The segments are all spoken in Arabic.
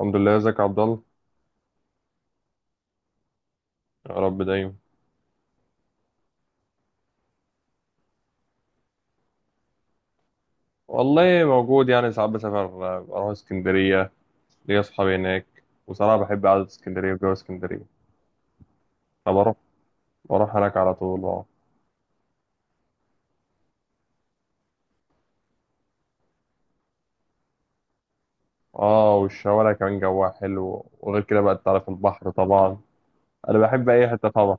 الحمد لله. ازيك يا عبد الله؟ يا رب دايما. والله موجود، يعني ساعات بسافر. اروح اسكندريه، ليا اصحابي هناك وصراحه بحب قعده اسكندريه وجو اسكندريه. فبروح بروح هناك على طول. اه. اه، والشوارع كمان جواها حلو، وغير كده بقى انت عارف البحر طبعا. انا بحب اي حته طبعا.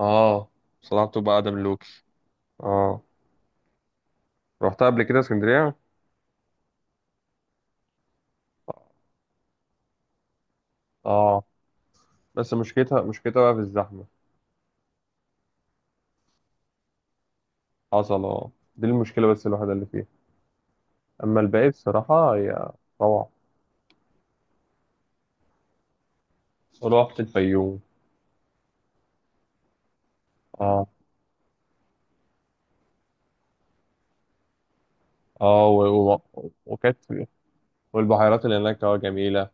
اه، بصراحه بتبقى قاعده ملوكي. اه، رحتها قبل كده اسكندريه. اه، بس مشكلتها بقى في الزحمه. حصل. اه، دي المشكله بس الوحيده اللي فيها، اما الباقي بصراحه هي روعه. ورحت الفيوم. اه. اه و... و... وكانت والبحيرات اللي هناك اه جميلة.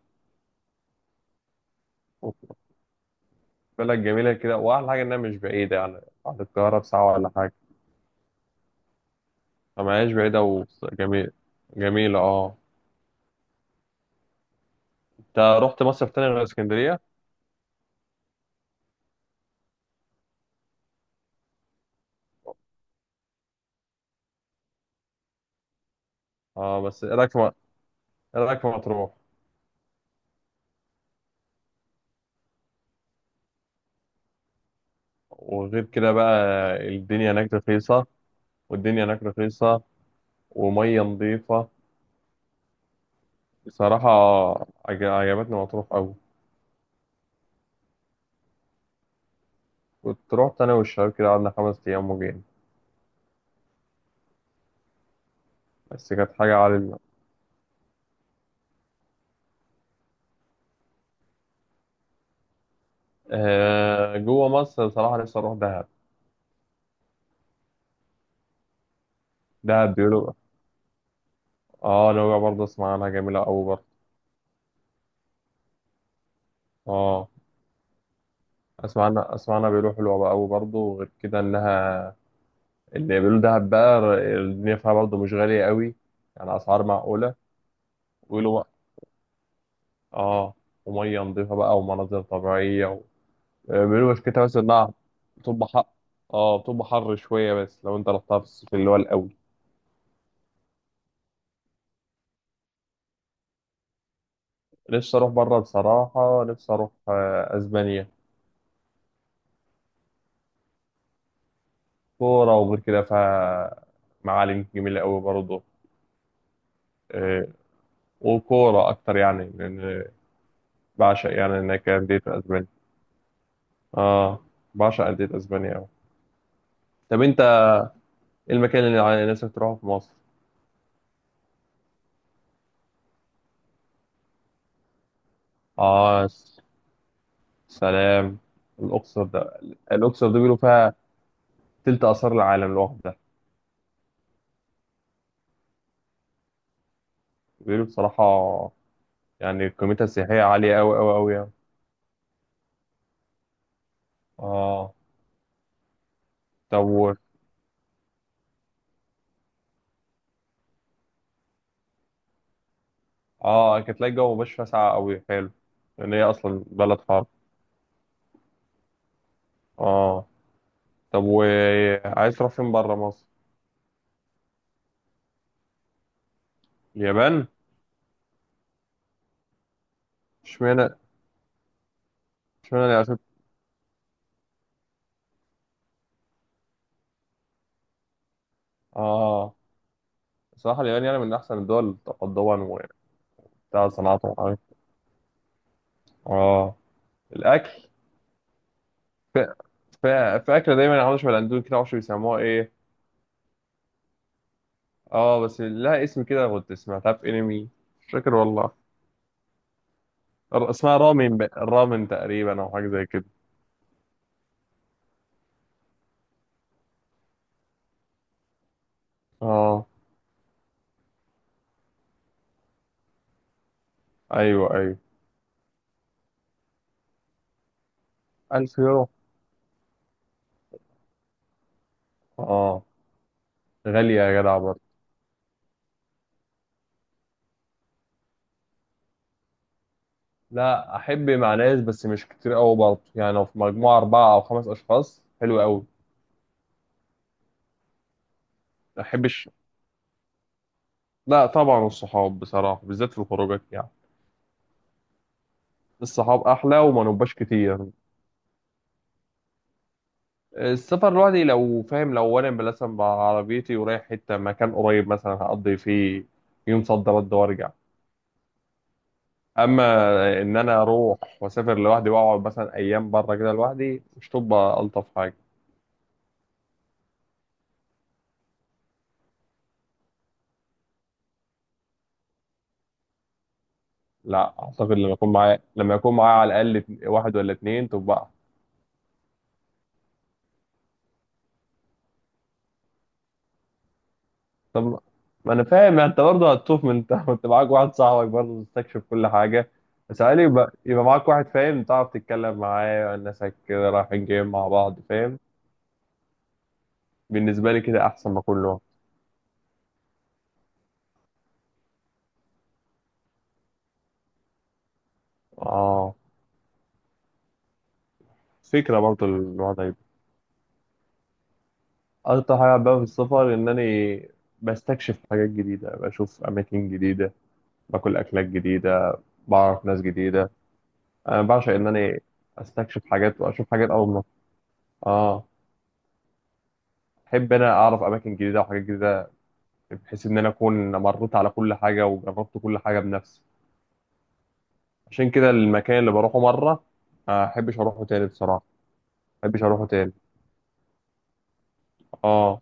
بلد جميلة كده، وأحلى حاجة إنها مش بعيدة، يعني بعد القاهرة بساعة ولا حاجة. فما هياش بعيدة وجميل. جميلة اه. أنت رحت مصيف تاني غير اسكندرية؟ اه، بس إيه رأيك في مطروح؟ وغير كده بقى، الدنيا هناك رخيصة. والدنيا هناك رخيصة ومية نظيفة. بصراحة عجبتني مطروح أوي. كنت رحت أنا والشباب كده قعدنا 5 أيام وجينا، بس كانت حاجة عالية. آه، جوه مصر بصراحة نفسي أروح دهب. دهب بيقولوا. اه، نويبع برضه أسمع عنها جميلة أوي برضه. اه، أسمع عنها بيقولوا حلوة بقى أوي برضه. وغير كده إنها، اللي بيقولوا دهب بقى، الدنيا فيها برضه مش غالية أوي، يعني أسعار معقولة. ويقولوا بقى اه، ومية نضيفة بقى ومناظر طبيعية و... آه، بيقولوا مشكلتها بس إنها بتبقى حر. اه، بتبقى حر شوية، بس لو أنت رحتها في الصيف اللي هو الأول. نفسي أروح بره، بصراحة نفسي أروح آه، أسبانيا. كورة، وغير كده فمعالم جميلة قوي برضه. آه، وكورة أكتر يعني، لأن بعشق يعني إن كان أندية أسبانيا. آه، بعشق أندية أسبانيا أوي. طب أنت إيه المكان اللي على نفسك تروحه في مصر؟ آه، سلام. الأقصر ده الأقصر دي بيقولوا فيها تلت آثار العالم لوحدها. بيقولوا بصراحة يعني قيمتها السياحية عالية أوي أوي أوي يعني. آه. طب آه كانت تلاقي الجو مبقاش فيها ساقعة أوي، حلو. لأن هي أصلا بلد حر. آه. طب وعايز تروح فين بره مصر؟ اليابان. اشمعنى. اشمعنى اليابان. اه، صراحة اليابان يعني من احسن الدول تقدما، وبتاع صناعات وحاجات. اه، الاكل. في, في اكله دايما عامله شبه الاندومي كده، معرفش بيسموها ايه. اه، بس لها اسم كده كنت سمعتها في انمي، مش فاكر والله. اسمها رامن تقريبا، او حاجه زي كده. اه، ايوه، ايوه. 1000 يورو. اه، غاليه يا جدع برضه. لا، احب مع ناس بس مش كتير قوي برضه، يعني لو في مجموعه 4 او 5 اشخاص حلو قوي. ما احبش. لا طبعا الصحاب بصراحه، بالذات في الخروجات، يعني الصحاب احلى وما نبقاش كتير. السفر لوحدي لو فاهم، لو انا مثلا بعربيتي ورايح حته مكان قريب مثلا هقضي فيه يوم صد رد وارجع. اما ان انا اروح واسافر لوحدي واقعد مثلا ايام بره كده لوحدي، مش تبقى الطف حاجه. لا اعتقد، لما يكون معايا على الاقل واحد ولا اتنين تبقى. طب ما انا فاهم، يعني انت برضه هتطوف من انت كنت معاك واحد صاحبك، برضه تستكشف كل حاجه. بس علي يبقى معاك واحد فاهم تعرف تتكلم معاه، ناسك كده رايحين جايين مع بعض، فاهم. بالنسبه لي كده احسن ما كله. اه، فكره برضه الوضع يبقى. اكتر حاجه بحبها في السفر ان انا بستكشف حاجات جديده، بشوف اماكن جديده، باكل اكلات جديده، بعرف ناس جديده. انا بعشق ان انا استكشف حاجات واشوف حاجات اول مره. اه، احب انا اعرف اماكن جديده وحاجات جديده، بحيث ان انا اكون مريت على كل حاجه وجربت كل حاجه بنفسي. عشان كده المكان اللي بروحه مره آه، ما احبش اروحه تاني بصراحه. ما احبش اروحه تاني. اه.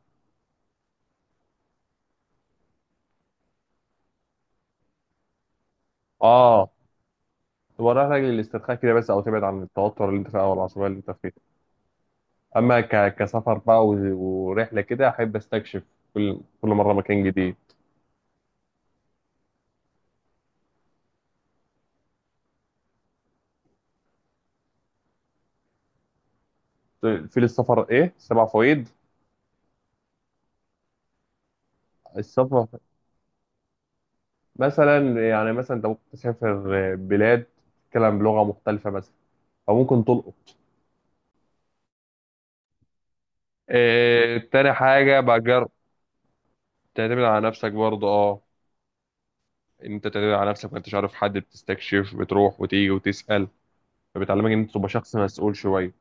اه، تبقى رايح لاجل الاسترخاء كده بس، او تبعد عن التوتر اللي انت فيه او العصبيه اللي انت فيها. اما كسفر بقى و... ورحله كده، احب استكشف كل مره مكان جديد. في للسفر ايه 7 فوائد. السفر مثلا، يعني مثلا انت ممكن تسافر بلاد تتكلم بلغه مختلفه مثلا، او ممكن تلقط. آه، تاني حاجة بجرب. تعتمد على نفسك برضه اه، ان انت تعتمد على نفسك ما انتش عارف حد، بتستكشف بتروح وتيجي وتسأل، فبتعلمك ان انت تبقى شخص مسؤول شوية.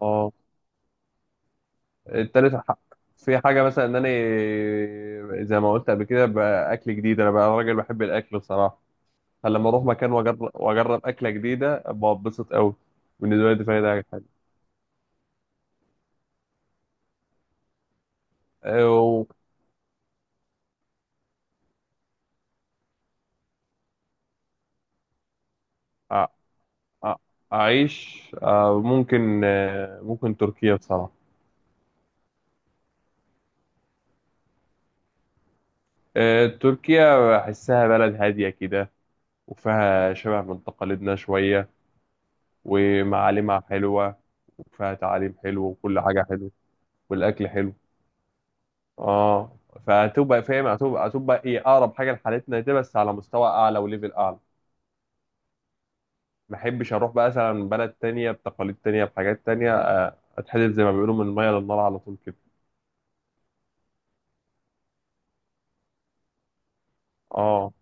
اه. التالت حق في حاجة، مثلا ان انا زي ما قلت قبل كده بقى، اكل جديد. انا بقى راجل بحب الاكل بصراحة، فلما اروح مكان واجرب اكلة جديده ابقى اتبسط قوي. بالنسبة لي دي فايدة حاجة. أو أ- أ- اعيش آه، ممكن، آه، ممكن تركيا بصراحة. آه، تركيا بحسها بلد هادية كده، وفيها شبه من تقاليدنا شوية، ومعالمها حلوة، وفيها تعاليم حلوة وكل حاجة حلوة. والأكل حلو. اه، فهتبقى فاهم، هتبقى ايه، أقرب حاجة لحالتنا دي بس على مستوى أعلى وليفل أعلى. ما أحبش أروح بقى مثلا بلد تانية بتقاليد تانية بحاجات تانية، آه، أتحدد زي ما بيقولوا من المية للنار على طول كده. اه.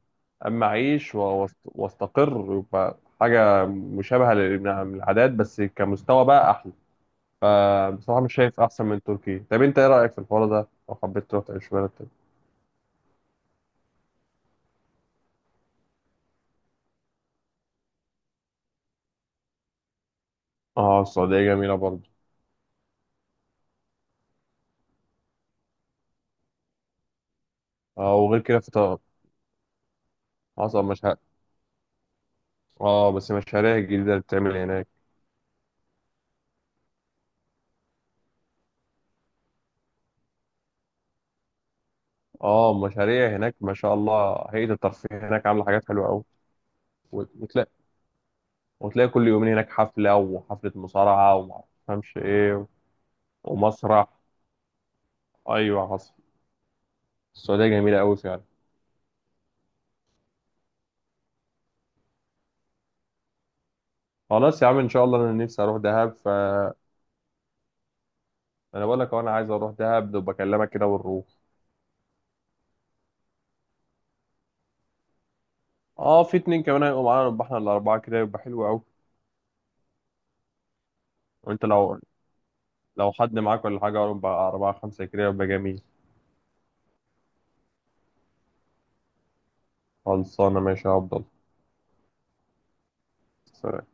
أما أعيش وأستقر يبقى حاجة مشابهة للعادات بس كمستوى بقى أحلى. فبصراحة مش شايف أحسن من تركيا. طب أنت إيه رأيك في الحوار ده لو حبيت تروح تعيش في بلد تاني؟ أه، السعودية جميلة برضه. أه، وغير كده في طبعا حصل مشاريع. أه، بس المشاريع الجديدة اللي بتتعمل هناك. أه، المشاريع هناك ما شاء الله، هيئة الترفيه هناك عاملة حاجات حلوة أوي. وت- وتلاقي وتلاقي كل يومين هناك حفلة، وحفلة مصارعة وما أفهمش إيه، ومسرح. أيوة حصل، السعودية جميلة أوي فعلا. خلاص يا عم إن شاء الله، أنا نفسي أروح دهب، فأنا بقول لك أهو، أنا عايز أروح دهب بكلمك كده ونروح. اه، في اتنين كمان هيبقوا معانا، نبقى احنا الاربعه كده يبقى حلو قوي. وانت لو حد معاك ولا حاجه يبقى اربعه خمسه كده يبقى جميل. خلصانه ماشي يا عبد الله. سلام.